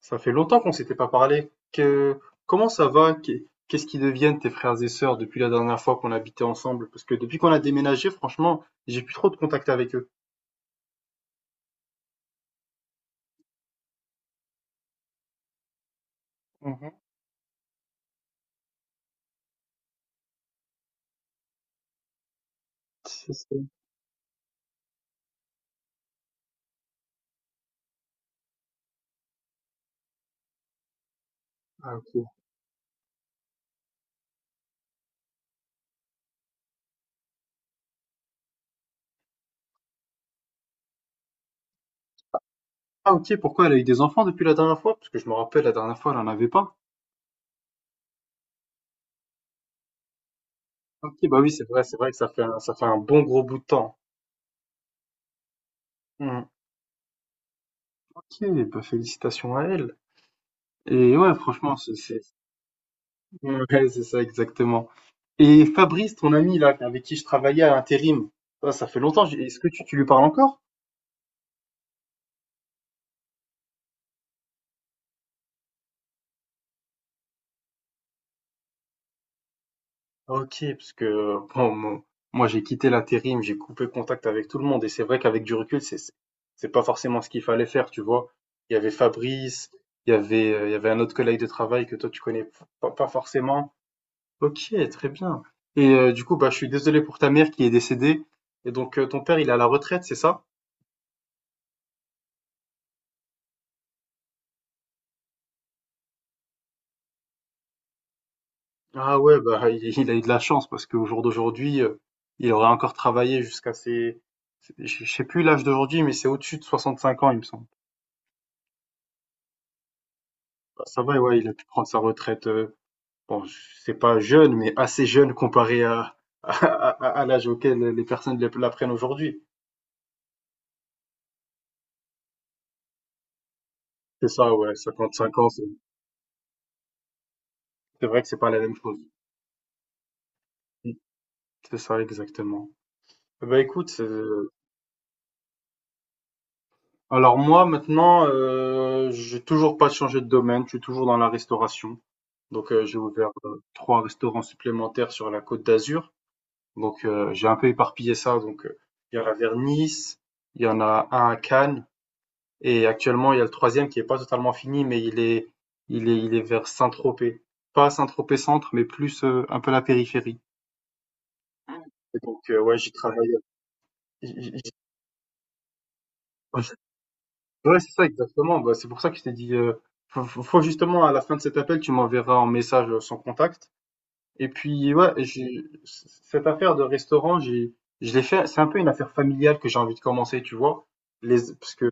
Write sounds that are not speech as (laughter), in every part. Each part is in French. Ça fait longtemps qu'on s'était pas parlé. Comment ça va? Qu'est-ce qui deviennent tes frères et sœurs depuis la dernière fois qu'on habitait ensemble? Parce que depuis qu'on a déménagé, franchement, j'ai plus trop de contact avec eux. Mhm. C'est ça. Ah ok. Ah ok, pourquoi elle a eu des enfants depuis la dernière fois? Parce que je me rappelle, la dernière fois, elle en avait pas. Ok, bah oui, c'est vrai que ça fait un bon gros bout de temps. Hmm. Ok, bah félicitations à elle. Et ouais, franchement, (laughs) ouais, c'est ça exactement. Et Fabrice, ton ami là, avec qui je travaillais à l'intérim, ça fait longtemps. Est-ce que tu lui parles encore? Ok, parce que bon, moi j'ai quitté l'intérim, j'ai coupé contact avec tout le monde, et c'est vrai qu'avec du recul, c'est pas forcément ce qu'il fallait faire, tu vois. Il y avait Fabrice, il y avait un autre collègue de travail que toi tu connais pas forcément. Ok, très bien. Et du coup, bah je suis désolé pour ta mère qui est décédée. Et donc ton père, il est à la retraite, c'est ça? Ah ouais, bah, il a eu de la chance parce qu'au jour d'aujourd'hui, il aurait encore travaillé jusqu'à ses je sais plus l'âge d'aujourd'hui, mais c'est au-dessus de 65 ans, il me semble. Bah, ça va, ouais, ouais, il a pu prendre sa retraite, bon, c'est pas jeune, mais assez jeune comparé à (laughs) à à l'âge auquel les personnes la prennent aujourd'hui. C'est ça, ouais, 55 ans, c'est vrai que c'est pas la même chose. Mmh. C'est ça, exactement. Eh ben écoute, alors moi maintenant, j'ai toujours pas changé de domaine, je suis toujours dans la restauration. Donc, j'ai ouvert trois restaurants supplémentaires sur la Côte d'Azur. Donc, j'ai un peu éparpillé ça. Donc, il y en a vers Nice, il y en a un à Cannes, et actuellement, il y a le troisième qui est pas totalement fini, mais il est vers Saint-Tropez. Pas Saint-Tropez centre, mais plus un peu la périphérie. Et donc, ouais, j'y travaille. j'y- j'y- Ouais, c'est ça, exactement. Bah, c'est pour ça que je t'ai dit, faut justement, à la fin de cet appel, tu m'enverras un message sans contact. Et puis, ouais, j'ai cette affaire de restaurant, je l'ai fait. C'est un peu une affaire familiale que j'ai envie de commencer, tu vois. Les, parce que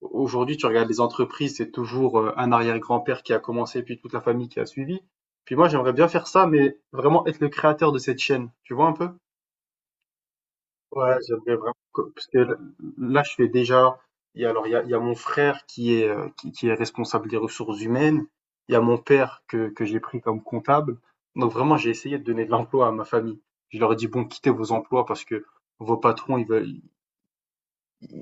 aujourd'hui, tu regardes les entreprises, c'est toujours un arrière-grand-père qui a commencé, puis toute la famille qui a suivi. Puis moi, j'aimerais bien faire ça, mais vraiment être le créateur de cette chaîne. Tu vois un peu? Ouais, j'aimerais vraiment parce que là, je fais déjà. Il y a mon frère qui est, qui est responsable des ressources humaines. Il y a mon père que j'ai pris comme comptable. Donc, vraiment, j'ai essayé de donner de l'emploi à ma famille. Je leur ai dit, bon, quittez vos emplois parce que vos patrons,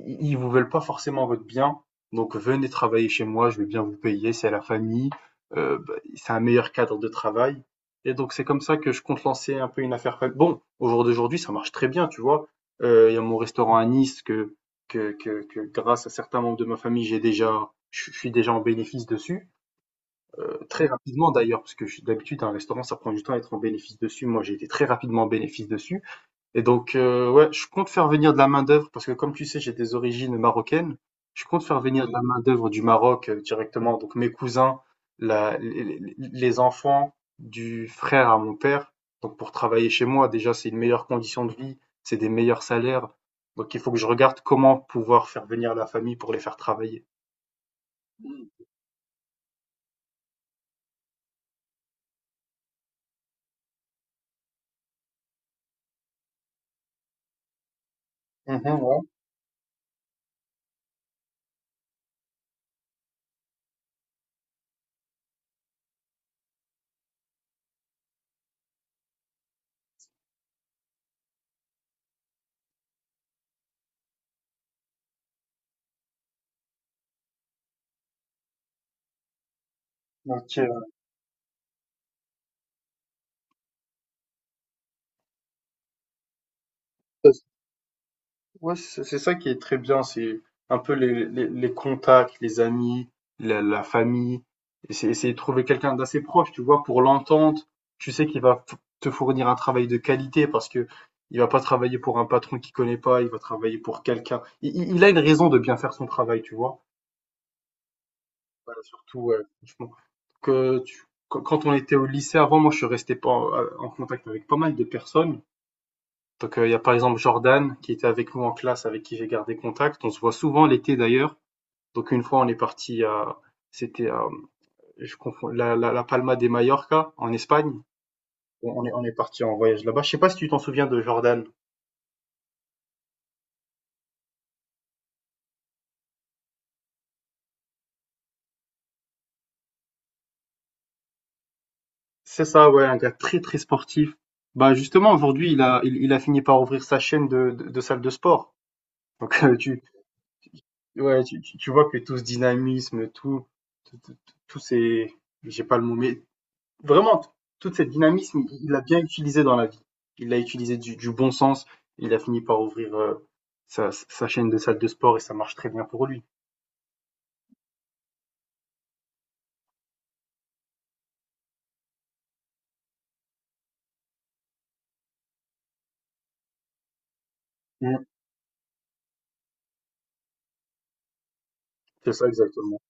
ils vous veulent pas forcément votre bien. Donc venez travailler chez moi, je vais bien vous payer, c'est la famille, bah, c'est un meilleur cadre de travail. Et donc c'est comme ça que je compte lancer un peu une affaire. Bon, au jour d'aujourd'hui, ça marche très bien, tu vois. Il y a mon restaurant à Nice que grâce à certains membres de ma famille, je suis déjà en bénéfice dessus. Très rapidement d'ailleurs, parce que d'habitude, un restaurant, ça prend du temps à être en bénéfice dessus. Moi, j'ai été très rapidement en bénéfice dessus. Et donc, ouais, je compte faire venir de la main-d'œuvre parce que, comme tu sais, j'ai des origines marocaines. Je compte faire venir de la main-d'œuvre du Maroc directement. Donc, mes cousins, les enfants du frère à mon père. Donc, pour travailler chez moi, déjà, c'est une meilleure condition de vie, c'est des meilleurs salaires. Donc, il faut que je regarde comment pouvoir faire venir la famille pour les faire travailler. Mhm, ouais. Ok. Ouais, c'est ça qui est très bien, c'est un peu les contacts, les amis, la famille. Et c'est essayer de trouver quelqu'un d'assez proche, tu vois, pour l'entente. Tu sais qu'il te fournir un travail de qualité parce que il va pas travailler pour un patron qu'il connaît pas, il va travailler pour quelqu'un. Il a une raison de bien faire son travail, tu vois. Voilà, surtout, ouais, franchement, quand on était au lycée avant, moi, je suis resté pas en contact avec pas mal de personnes. Donc il y a par exemple Jordan qui était avec nous en classe, avec qui j'ai gardé contact. On se voit souvent l'été d'ailleurs. Donc une fois on est parti à, c'était à, je confonds, la Palma de Mallorca en Espagne. On est parti en voyage là-bas. Je sais pas si tu t'en souviens de Jordan. C'est ça, ouais, un gars très très sportif. Bah justement aujourd'hui il a fini par ouvrir sa chaîne de salle de sport. Donc ouais, tu vois que tout ce dynamisme, tous ces, j'ai pas le mot, mais vraiment, toute cette dynamisme, il l'a bien utilisé dans la vie. Il l'a utilisé du bon sens. Il a fini par ouvrir sa chaîne de salle de sport et ça marche très bien pour lui. Mm. C'est ça, exactement.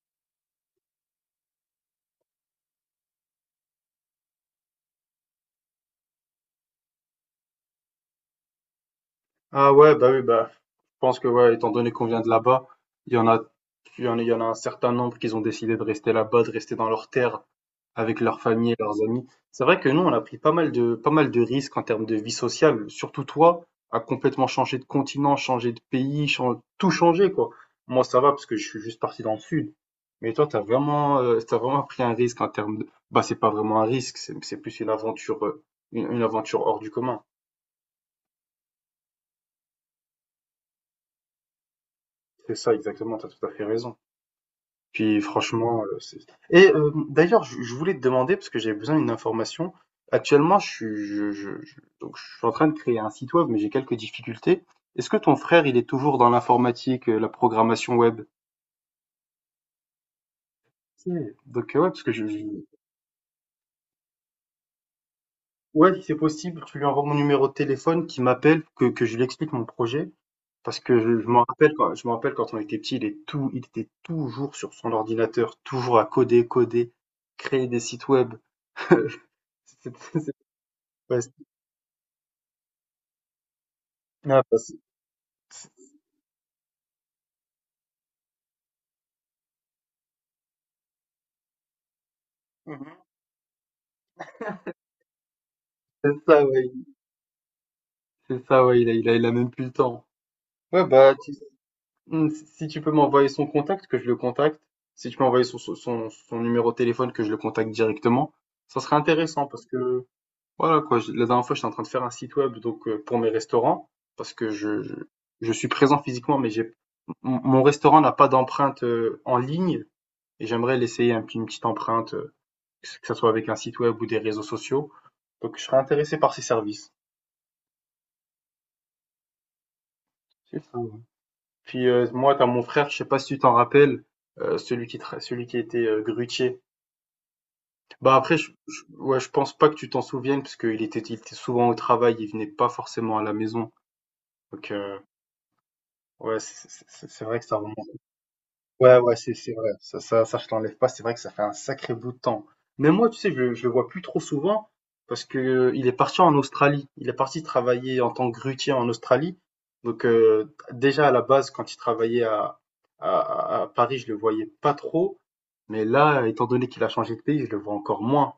Ah ouais, bah oui, bah, je pense que, ouais, étant donné qu'on vient de là-bas, il y en a, il y en a un certain nombre qui ont décidé de rester là-bas, de rester dans leur terre, avec leurs familles et leurs amis. C'est vrai que nous, on a pris pas mal de, pas mal de risques en termes de vie sociale. Surtout toi, à complètement changer de continent, changer de pays, tout changer, quoi. Moi, ça va parce que je suis juste parti dans le sud. Mais toi, t'as vraiment pris un risque en termes de, bah, c'est pas vraiment un risque, c'est plus une aventure, une aventure hors du commun. C'est ça, exactement, t'as tout à fait raison. Puis franchement, c'est et d'ailleurs, je voulais te demander, parce que j'avais besoin d'une information. Actuellement, je suis je donc je suis en train de créer un site web, mais j'ai quelques difficultés. Est-ce que ton frère, il est toujours dans l'informatique, la programmation web? OK, donc ouais, parce que je ouais, si c'est possible, tu lui envoies mon numéro de téléphone, qu'il m'appelle, que je lui explique mon projet, parce que je me rappelle quand on était petits, il est tout il était toujours sur son ordinateur, toujours à coder, coder, créer des sites web. (laughs) C'était c'était ouais, Ah, bah, c'est- Mhm. c'est ça, ouais. C'est ça, ouais. Il a même plus le temps. Ouais, bah, hmm, si tu peux m'envoyer son contact, que je le contacte. Si tu peux m'envoyer son numéro de téléphone, que je le contacte directement. Ça serait intéressant parce que, voilà, quoi. La dernière fois, j'étais en train de faire un site web, donc, pour mes restaurants. Parce que je suis présent physiquement, mon restaurant n'a pas d'empreinte, en ligne. Et j'aimerais l'essayer une petite empreinte, que ce soit avec un site web ou des réseaux sociaux. Donc, je serais intéressé par ces services. C'est ça, ouais. Puis, moi, t'as mon frère, je sais pas si tu t'en rappelles, celui qui tra celui qui était, grutier. Bah, après, je ouais, je pense pas que tu t'en souviennes parce qu'il était souvent au travail, il venait pas forcément à la maison. Donc, ouais, c'est vrai que ça remonte Ouais, ouais, c'est vrai. Ça, je t'enlève pas. C'est vrai que ça fait un sacré bout de temps. Mais moi, tu sais, je le vois plus trop souvent parce que il est parti en Australie. Il est parti travailler en tant que grutier en Australie. Donc, déjà à la base, quand il travaillait à Paris, je le voyais pas trop. Mais là, étant donné qu'il a changé de pays, je le vois encore moins.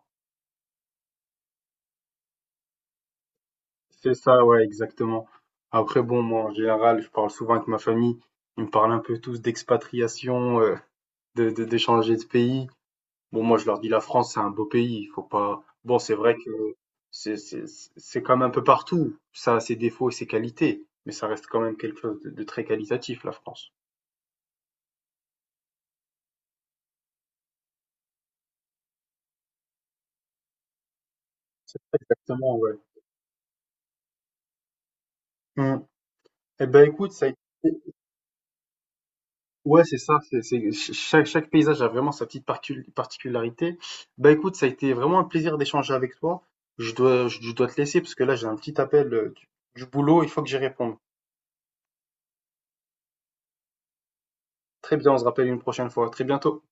C'est ça, ouais, exactement. Après, bon, moi, en général, je parle souvent avec ma famille. Ils me parlent un peu tous d'expatriation, de changer de pays. Bon, moi, je leur dis la France, c'est un beau pays. Il faut pas. Bon, c'est vrai que c'est c'est- c'est comme un peu partout. Ça a ses défauts et ses qualités, mais ça reste quand même quelque chose de très qualitatif, la France. C'est ça, exactement, ouais. Mm. Eh ben, écoute, Ouais, c'est ça. Chaque, chaque paysage a vraiment sa petite particularité. Ben écoute, ça a été vraiment un plaisir d'échanger avec toi. Je dois te laisser parce que là, j'ai un petit appel du boulot. Il faut que j'y réponde. Très bien, on se rappelle une prochaine fois. À Très bientôt.